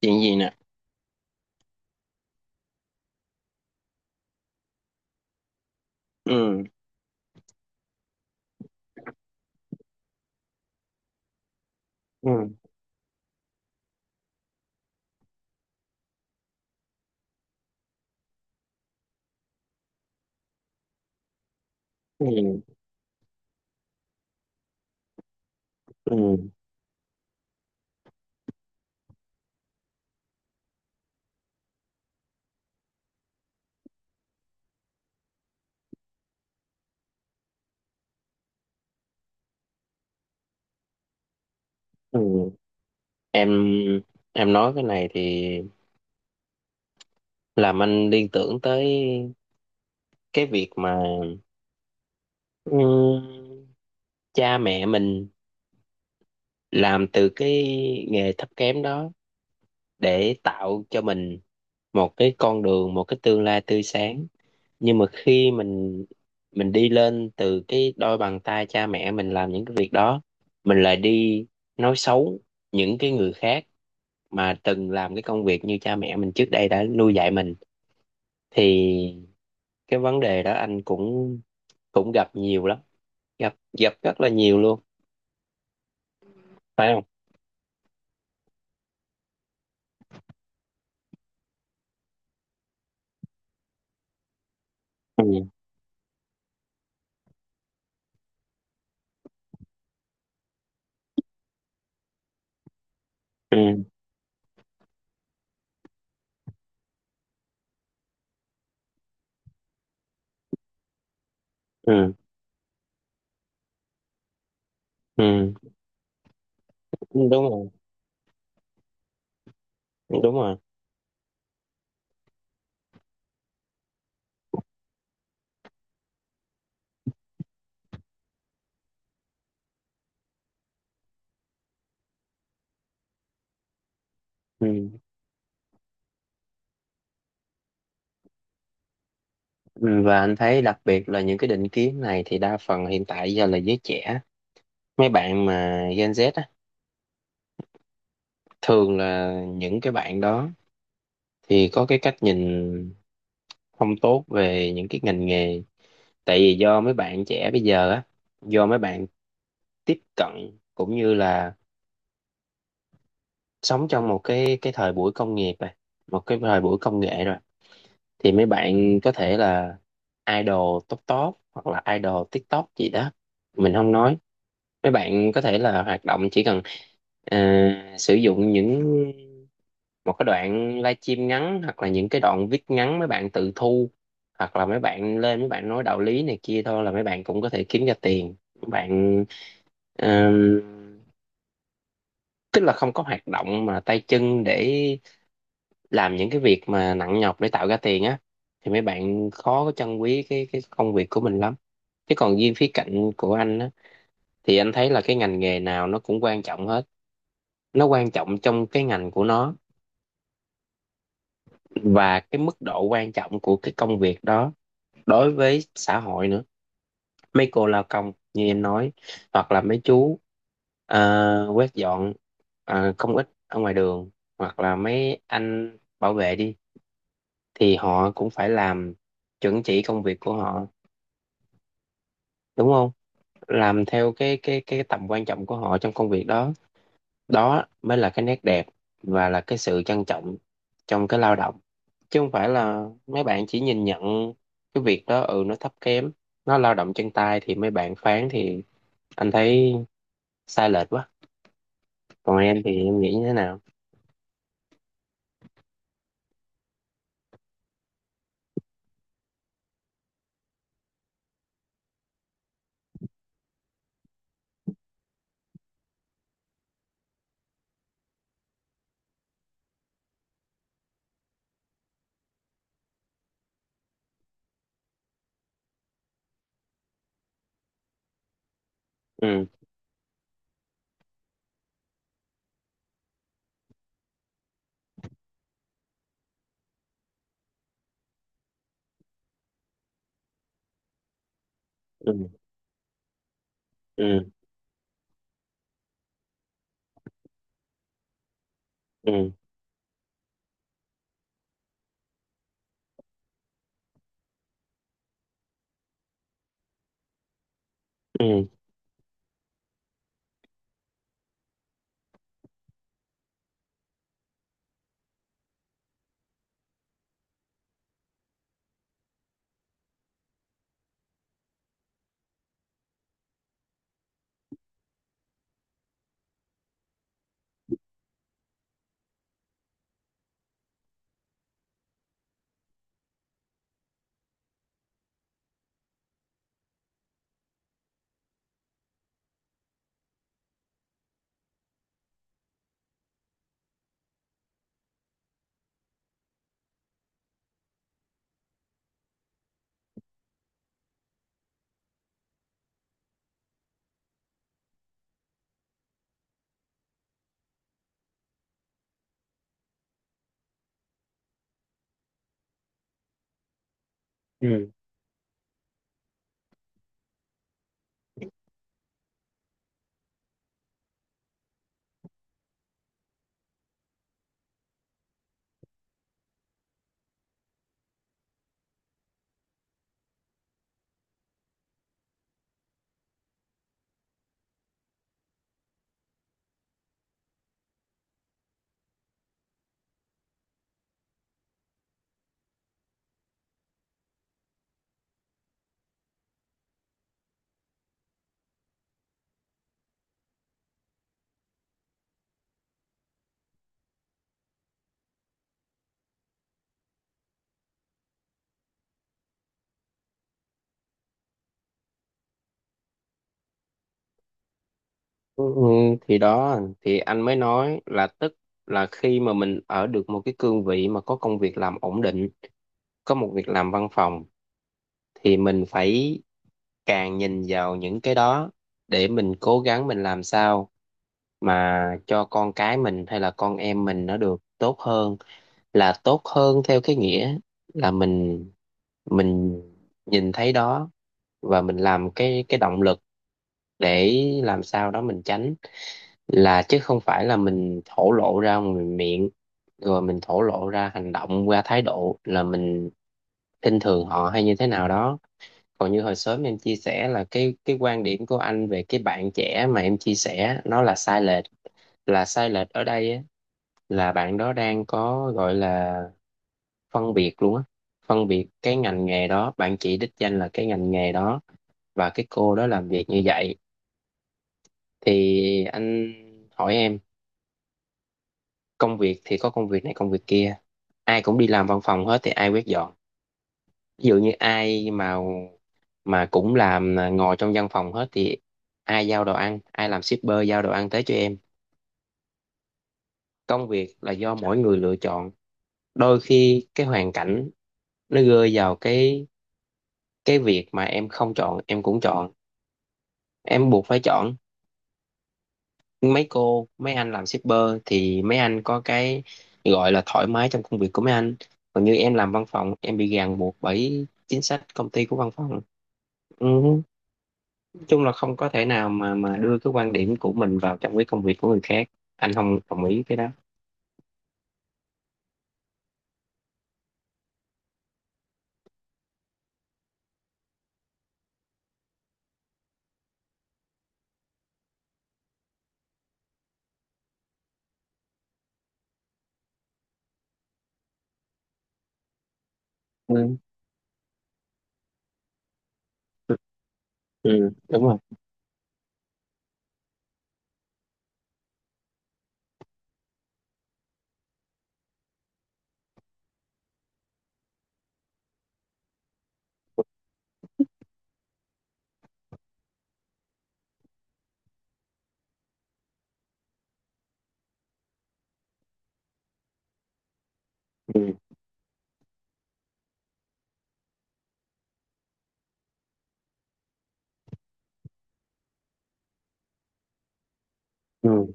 Chuyện gì nè? Ừ. Ừ. Ừ. Ừ. Ừ. em em nói cái này thì làm anh liên tưởng tới cái việc mà ừ, cha mẹ mình làm từ cái nghề thấp kém đó để tạo cho mình một cái con đường, một cái tương lai tươi sáng. Nhưng mà khi mình đi lên từ cái đôi bàn tay cha mẹ mình làm những cái việc đó, mình lại đi nói xấu những cái người khác mà từng làm cái công việc như cha mẹ mình trước đây đã nuôi dạy mình, thì cái vấn đề đó anh cũng cũng gặp nhiều lắm. Gặp gặp rất là nhiều luôn. Phải không? Ừ. Ừ. Ừ. Ừ. Đúng rồi. Đúng rồi. Ừ. Ừ, và anh thấy đặc biệt là những cái định kiến này thì đa phần hiện tại giờ là giới trẻ, mấy bạn mà Gen Z á, thường là những cái bạn đó thì có cái cách nhìn không tốt về những cái ngành nghề. Tại vì do mấy bạn trẻ bây giờ á, do mấy bạn tiếp cận cũng như là sống trong một cái thời buổi công nghiệp rồi, một cái thời buổi công nghệ rồi, thì mấy bạn có thể là idol top top hoặc là idol TikTok gì đó, mình không nói. Mấy bạn có thể là hoạt động, chỉ cần ờ, sử dụng những một cái đoạn livestream ngắn hoặc là những cái đoạn viết ngắn mấy bạn tự thu, hoặc là mấy bạn lên mấy bạn nói đạo lý này kia thôi là mấy bạn cũng có thể kiếm ra tiền. Mấy bạn ờ, tức là không có hoạt động mà tay chân để làm những cái việc mà nặng nhọc để tạo ra tiền á, thì mấy bạn khó có trân quý cái công việc của mình lắm. Chứ còn riêng khía cạnh của anh á, thì anh thấy là cái ngành nghề nào nó cũng quan trọng hết, nó quan trọng trong cái ngành của nó, và cái mức độ quan trọng của cái công việc đó đối với xã hội nữa. Mấy cô lao công như em nói, hoặc là mấy chú quét dọn công ích ở ngoài đường, hoặc là mấy anh bảo vệ đi, thì họ cũng phải làm chuẩn chỉ công việc của họ, đúng không? Làm theo cái tầm quan trọng của họ trong công việc đó, đó mới là cái nét đẹp và là cái sự trân trọng trong cái lao động. Chứ không phải là mấy bạn chỉ nhìn nhận cái việc đó ừ nó thấp kém, nó lao động chân tay thì mấy bạn phán, thì anh thấy sai lệch quá. Còn em thì em nghĩ như thế nào? Ừ. Ừ. Ừ. Ừ. Ừ. Ừ. Ừ, ừ, thì đó thì anh mới nói là tức là khi mà mình ở được một cái cương vị mà có công việc làm ổn định, có một việc làm văn phòng, thì mình phải càng nhìn vào những cái đó để mình cố gắng, mình làm sao mà cho con cái mình hay là con em mình nó được tốt hơn. Là tốt hơn theo cái nghĩa là mình nhìn thấy đó và mình làm cái động lực để làm sao đó mình tránh, là chứ không phải là mình thổ lộ ra ngoài miệng rồi mình thổ lộ ra hành động qua thái độ là mình khinh thường họ hay như thế nào đó. Còn như hồi sớm em chia sẻ là cái quan điểm của anh về cái bạn trẻ mà em chia sẻ nó là sai lệch. Là sai lệch ở đây á, là bạn đó đang có gọi là phân biệt luôn á, phân biệt cái ngành nghề đó, bạn chỉ đích danh là cái ngành nghề đó và cái cô đó làm việc như vậy. Thì anh hỏi em, công việc thì có công việc này công việc kia, ai cũng đi làm văn phòng hết thì ai quét dọn? Ví dụ như ai mà cũng làm ngồi trong văn phòng hết thì ai giao đồ ăn, ai làm shipper giao đồ ăn tới cho em? Công việc là do mỗi người lựa chọn. Đôi khi cái hoàn cảnh nó rơi vào cái việc mà em không chọn em cũng chọn, em buộc phải chọn. Mấy cô mấy anh làm shipper thì mấy anh có cái gọi là thoải mái trong công việc của mấy anh, còn như em làm văn phòng em bị ràng buộc bởi chính sách công ty của văn phòng. Ừ. Chung là không có thể nào mà đưa cái quan điểm của mình vào trong cái công việc của người khác. Anh không đồng ý cái đó. Ừ. Ừ, đúng rồi. Ừ. Ừ.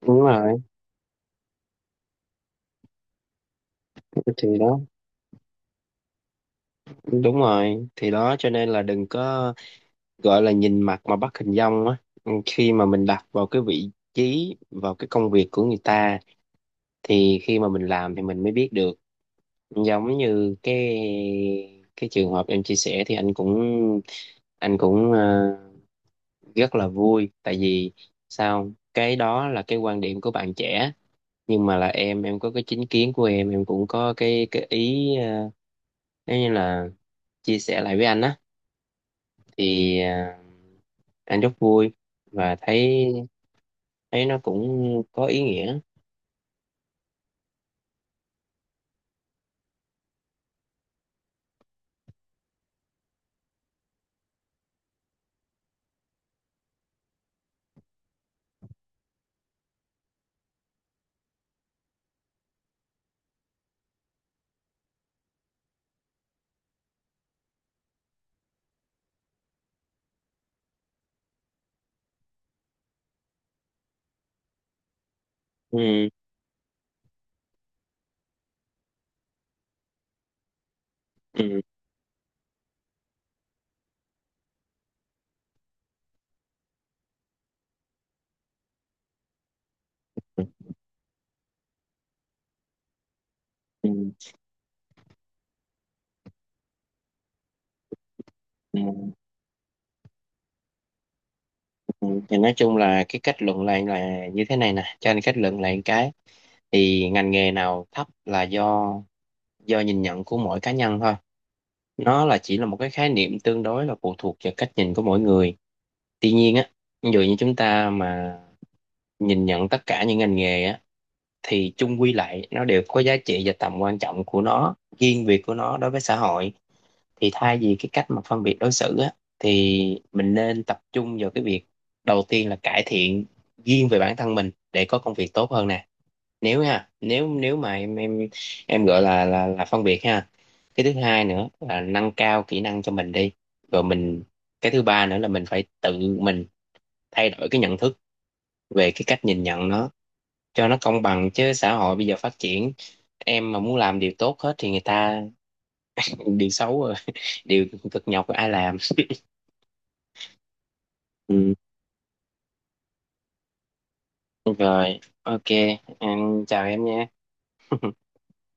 Đúng rồi, thì đó. Cho nên là đừng có gọi là nhìn mặt mà bắt hình dong á. Ừ, khi mà mình đặt vào cái vị trí, vào cái công việc của người ta, thì khi mà mình làm thì mình mới biết được. Giống như cái trường hợp em chia sẻ thì anh cũng rất là vui. Tại vì sao không? Cái đó là cái quan điểm của bạn trẻ, nhưng mà là em có cái chính kiến của em cũng có cái ý nếu như là chia sẻ lại với anh á, thì anh rất vui và thấy thấy nó cũng có ý nghĩa. Ừ, ừ, ừ, ừ, ừ. Ừ, thì nói chung là cái kết luận lại là như thế này nè, cho anh kết luận lại một cái. Thì ngành nghề nào thấp là do nhìn nhận của mỗi cá nhân thôi. Nó là chỉ là một cái khái niệm tương đối, là phụ thuộc vào cách nhìn của mỗi người. Tuy nhiên á, ví dụ như chúng ta mà nhìn nhận tất cả những ngành nghề á, thì chung quy lại nó đều có giá trị và tầm quan trọng của nó, riêng biệt của nó đối với xã hội. Thì thay vì cái cách mà phân biệt đối xử á, thì mình nên tập trung vào cái việc đầu tiên là cải thiện riêng về bản thân mình để có công việc tốt hơn nè. Nếu nha, nếu nếu mà em gọi là phân biệt ha. Cái thứ hai nữa là nâng cao kỹ năng cho mình đi rồi mình. Cái thứ ba nữa là mình phải tự mình thay đổi cái nhận thức về cái cách nhìn nhận nó cho nó công bằng. Chứ xã hội bây giờ phát triển, em mà muốn làm điều tốt hết thì người ta điều xấu rồi điều cực nhọc ai làm ừ. Rồi OK, anh chào em nha.